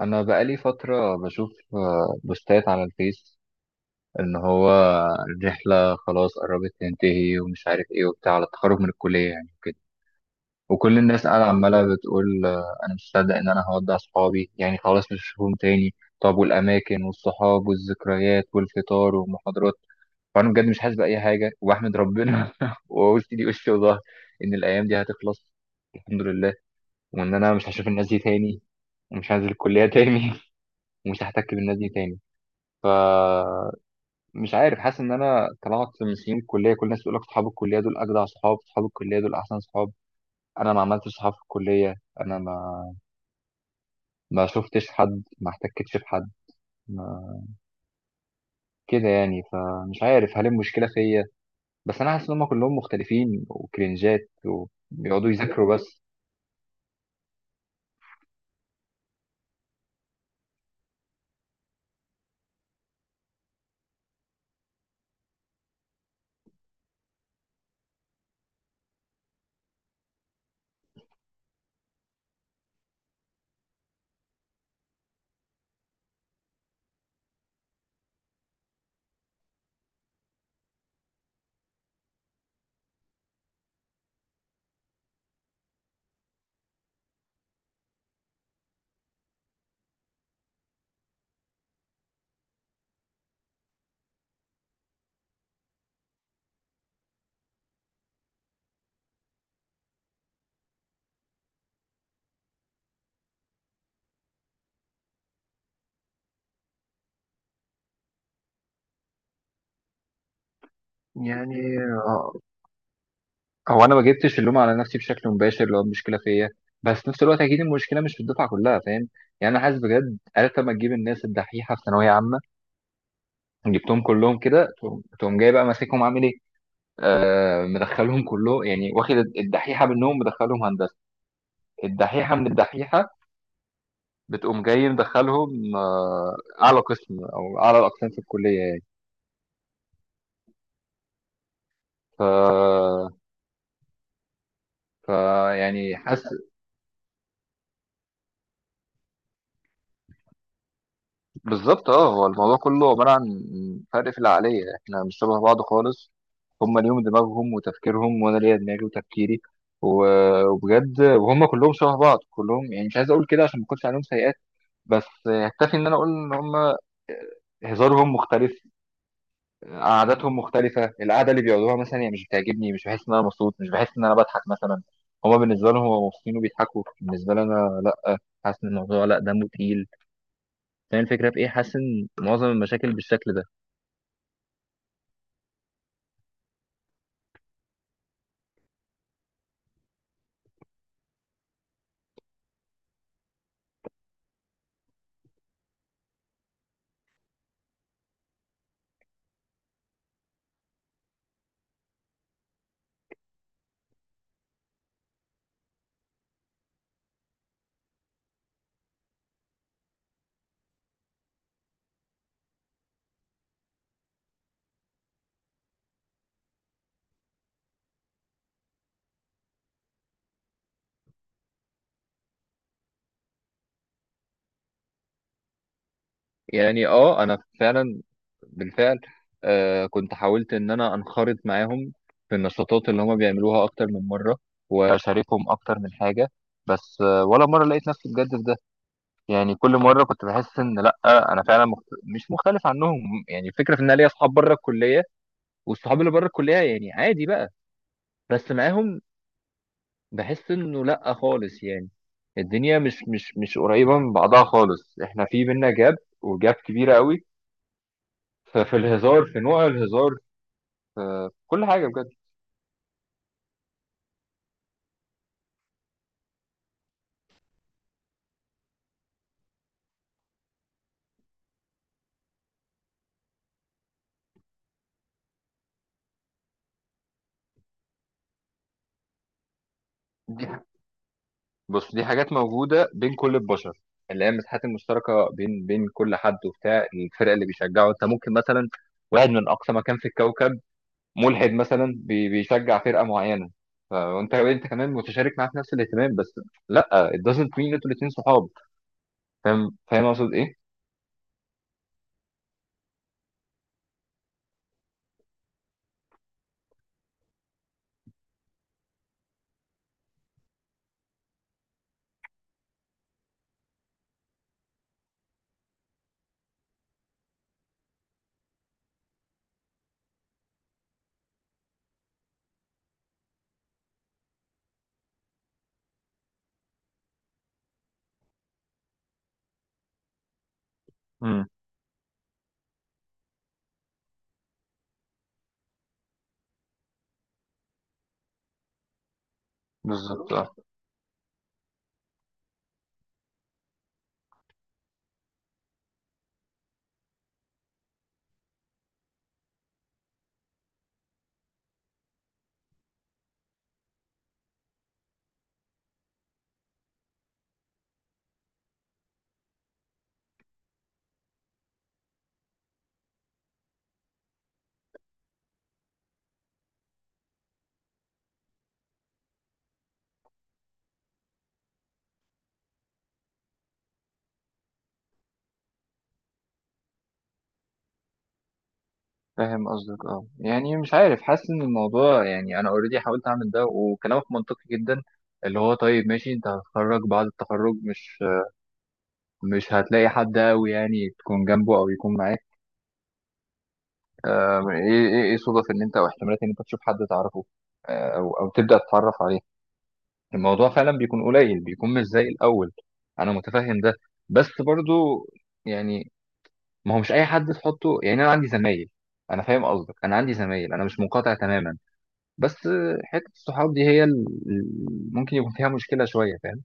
انا بقالي فتره بشوف بوستات على الفيس ان هو الرحله خلاص قربت تنتهي ومش عارف ايه وبتاع على التخرج من الكليه يعني كده. وكل الناس قاعده عماله بتقول انا مش مصدق ان انا هودع صحابي يعني خلاص مش هشوفهم تاني. طب والاماكن والصحاب والذكريات والفطار والمحاضرات؟ فانا بجد مش حاسس باي حاجه وبحمد ربنا وقلت لي وشي وظهري ان الايام دي هتخلص. الحمد لله. وان انا مش هشوف الناس دي تاني ومش هنزل الكليه تاني ومش هحتك بالناس دي تاني. فمش عارف، حاسس ان انا طلعت من سنين الكليه. كل الناس بتقول لك اصحاب الكليه دول اجدع صحاب، اصحاب الكليه دول احسن صحاب. انا ما عملتش صحاب في الكليه. انا ما ما شفتش حد ما احتكتش بحد ما كده يعني. فمش عارف هل المشكله فيا، بس انا حاسس ان هم كلهم مختلفين وكرنجات وبيقعدوا يذاكروا بس. يعني آه، هو انا ما جبتش اللوم على نفسي بشكل مباشر لو المشكله فيا، بس في نفس الوقت اكيد المشكله مش في الدفعه كلها، فاهم؟ يعني انا حاسس بجد. عرفت لما تجيب الناس الدحيحه في ثانويه عامه جبتهم كلهم كده؟ تقوم جاي بقى ماسكهم عامل ايه؟ مدخلهم كله يعني، واخد الدحيحه منهم مدخلهم هندسه، الدحيحه من الدحيحه بتقوم جاي مدخلهم اعلى قسم او اعلى الاقسام في الكليه يعني. ف ف يعني حاسس، بالظبط اه هو الموضوع كله عباره عن فرق في العقليه. احنا مش شبه بعض خالص. هم ليهم دماغهم وتفكيرهم وانا ليا دماغي وتفكيري و- وبجد، وهم كلهم شبه بعض كلهم. يعني مش عايز اقول كده عشان ما اكونش عليهم سيئات، بس يكتفي ان انا اقول ان هم هزارهم مختلف، قعداتهم مختلفه. القعده اللي بيقعدوها مثلا هي مش بتعجبني، مش بحس ان انا مبسوط، مش بحس ان انا بضحك مثلا. هما بالنسبه لهم هما مبسوطين وبيضحكوا، بالنسبه لي انا لا. حاسس ان الموضوع لا دمه تقيل. فاهم الفكره في ايه؟ حاسس ان معظم المشاكل بالشكل ده. يعني اه انا فعلا بالفعل كنت حاولت ان انا انخرط معاهم في النشاطات اللي هما بيعملوها اكتر من مره واشاركهم اكتر من حاجه. بس ولا مره لقيت نفسي بجد في، يعني كل مره كنت بحس ان لا انا فعلا مش مختلف عنهم. يعني الفكره في ان انا ليا اصحاب بره الكليه، والصحاب اللي بره الكليه يعني عادي بقى. بس معاهم بحس انه لا خالص يعني. الدنيا مش قريبه من بعضها خالص، احنا في بينا جاب، وجاب كبيره قوي. ففي الهزار في نوع الهزار في كل حاجه بجد. دي بص، دي حاجات موجوده بين كل البشر، اللي هي المساحات المشتركه بين كل حد وبتاع. الفرق اللي بيشجعه، انت ممكن مثلا واحد من اقصى مكان في الكوكب ملحد مثلا بيشجع فرقه معينه، فانت كمان متشارك معاه في نفس الاهتمام. بس لا it doesn't mean انتوا الاثنين صحاب. فاهم اقصد ايه؟ امم. بالظبط اه. فاهم قصدك اه. يعني مش عارف، حاسس ان الموضوع يعني انا اوريدي حاولت اعمل ده وكلامك منطقي جدا. اللي هو طيب ماشي، انت هتتخرج، بعد التخرج مش هتلاقي حد قوي يعني تكون جنبه او يكون معاك. ايه ايه ايه صدف ان انت او احتمالات ان انت تشوف حد تعرفه او تبدا تتعرف عليه. الموضوع فعلا بيكون قليل، بيكون مش زي الاول. انا متفهم ده. بس برضو يعني ما هو مش اي حد تحطه. يعني انا عندي زمايل، انا فاهم قصدك، انا عندي زمايل، انا مش منقطع تماما. بس حته الصحاب دي هي ممكن يكون فيها مشكله شويه، فاهم؟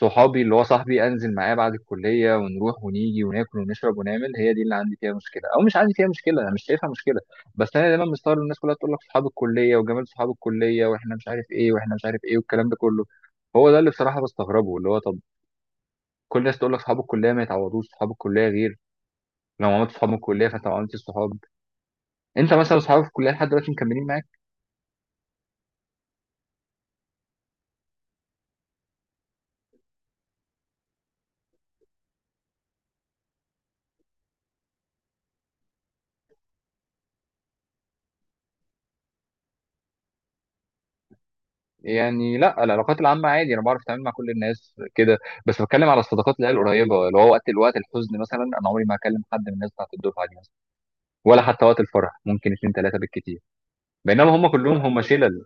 صحابي اللي هو صاحبي انزل معاه بعد الكليه ونروح ونيجي وناكل ونشرب ونعمل، هي دي اللي عندي فيها مشكله، او مش عندي فيها مشكله، انا مش شايفها مشكله. بس انا دايما مستغرب إن الناس كلها تقول لك صحاب الكليه وجمال صحاب الكليه واحنا مش عارف ايه واحنا مش عارف ايه والكلام ده كله. هو ده اللي بصراحه بستغربه، اللي هو طب كل الناس تقول لك صحاب الكليه ما يتعوضوش، صحاب الكليه غير لو عملت صحاب من الكليه فانت ما عملتش صحاب. انت مثلا صحابك في الكليه لحد دلوقتي مكملين معاك؟ يعني لا، العلاقات العامة عادي، انا بعرف اتعامل مع كل الناس كده. بس بتكلم على الصداقات اللي هي القريبة، اللي هو وقت الوقت الحزن مثلا انا عمري ما هكلم حد من الناس بتاعت الدفعة دي مثلا. ولا حتى وقت الفرح ممكن اتنين تلاتة بالكتير، بينما هم كلهم هم شلل.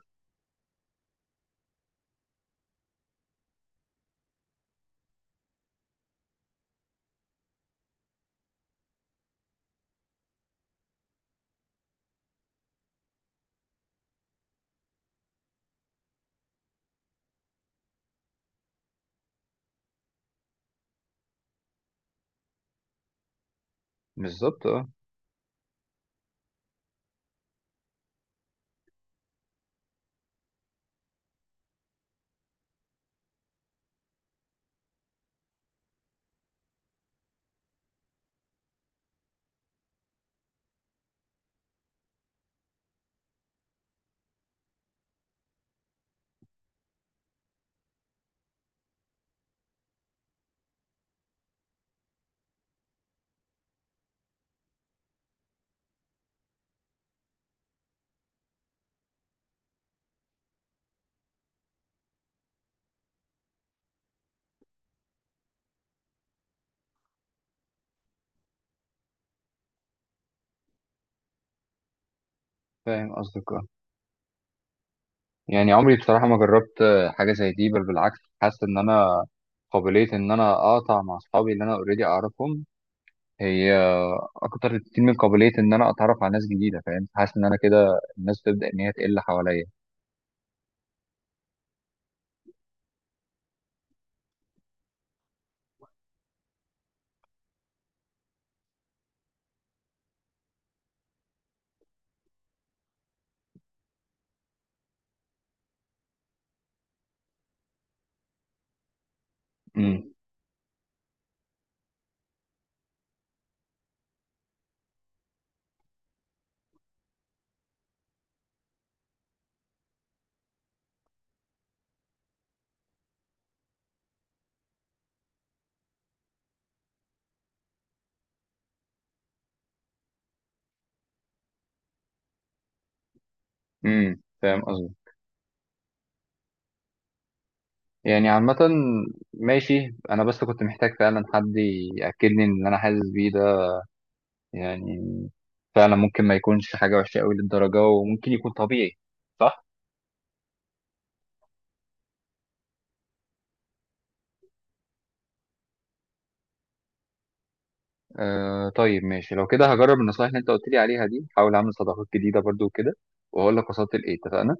بالظبط اه فاهم قصدك اه. يعني عمري بصراحة ما جربت حاجة زي دي، بل بالعكس حاسس ان انا قابلية ان انا اقطع مع اصحابي اللي انا اوريدي اعرفهم هي اكتر كتير من قابلية ان انا اتعرف على ناس جديدة، فاهم؟ حاسس ان انا كده الناس تبدأ ان هي تقل حواليا. امم. فاهم قصدي. يعني عامة ماشي، أنا بس كنت محتاج فعلا حد يأكدني إن اللي أنا حاسس بيه ده يعني فعلا ممكن ما يكونش حاجة وحشة قوي للدرجة، وممكن يكون طبيعي. صح؟ آه طيب ماشي، لو كده هجرب النصايح اللي أنت قلت لي عليها دي، هحاول أعمل صداقات جديدة برضو وكده، وهقول لك وصلت لإيه. اتفقنا؟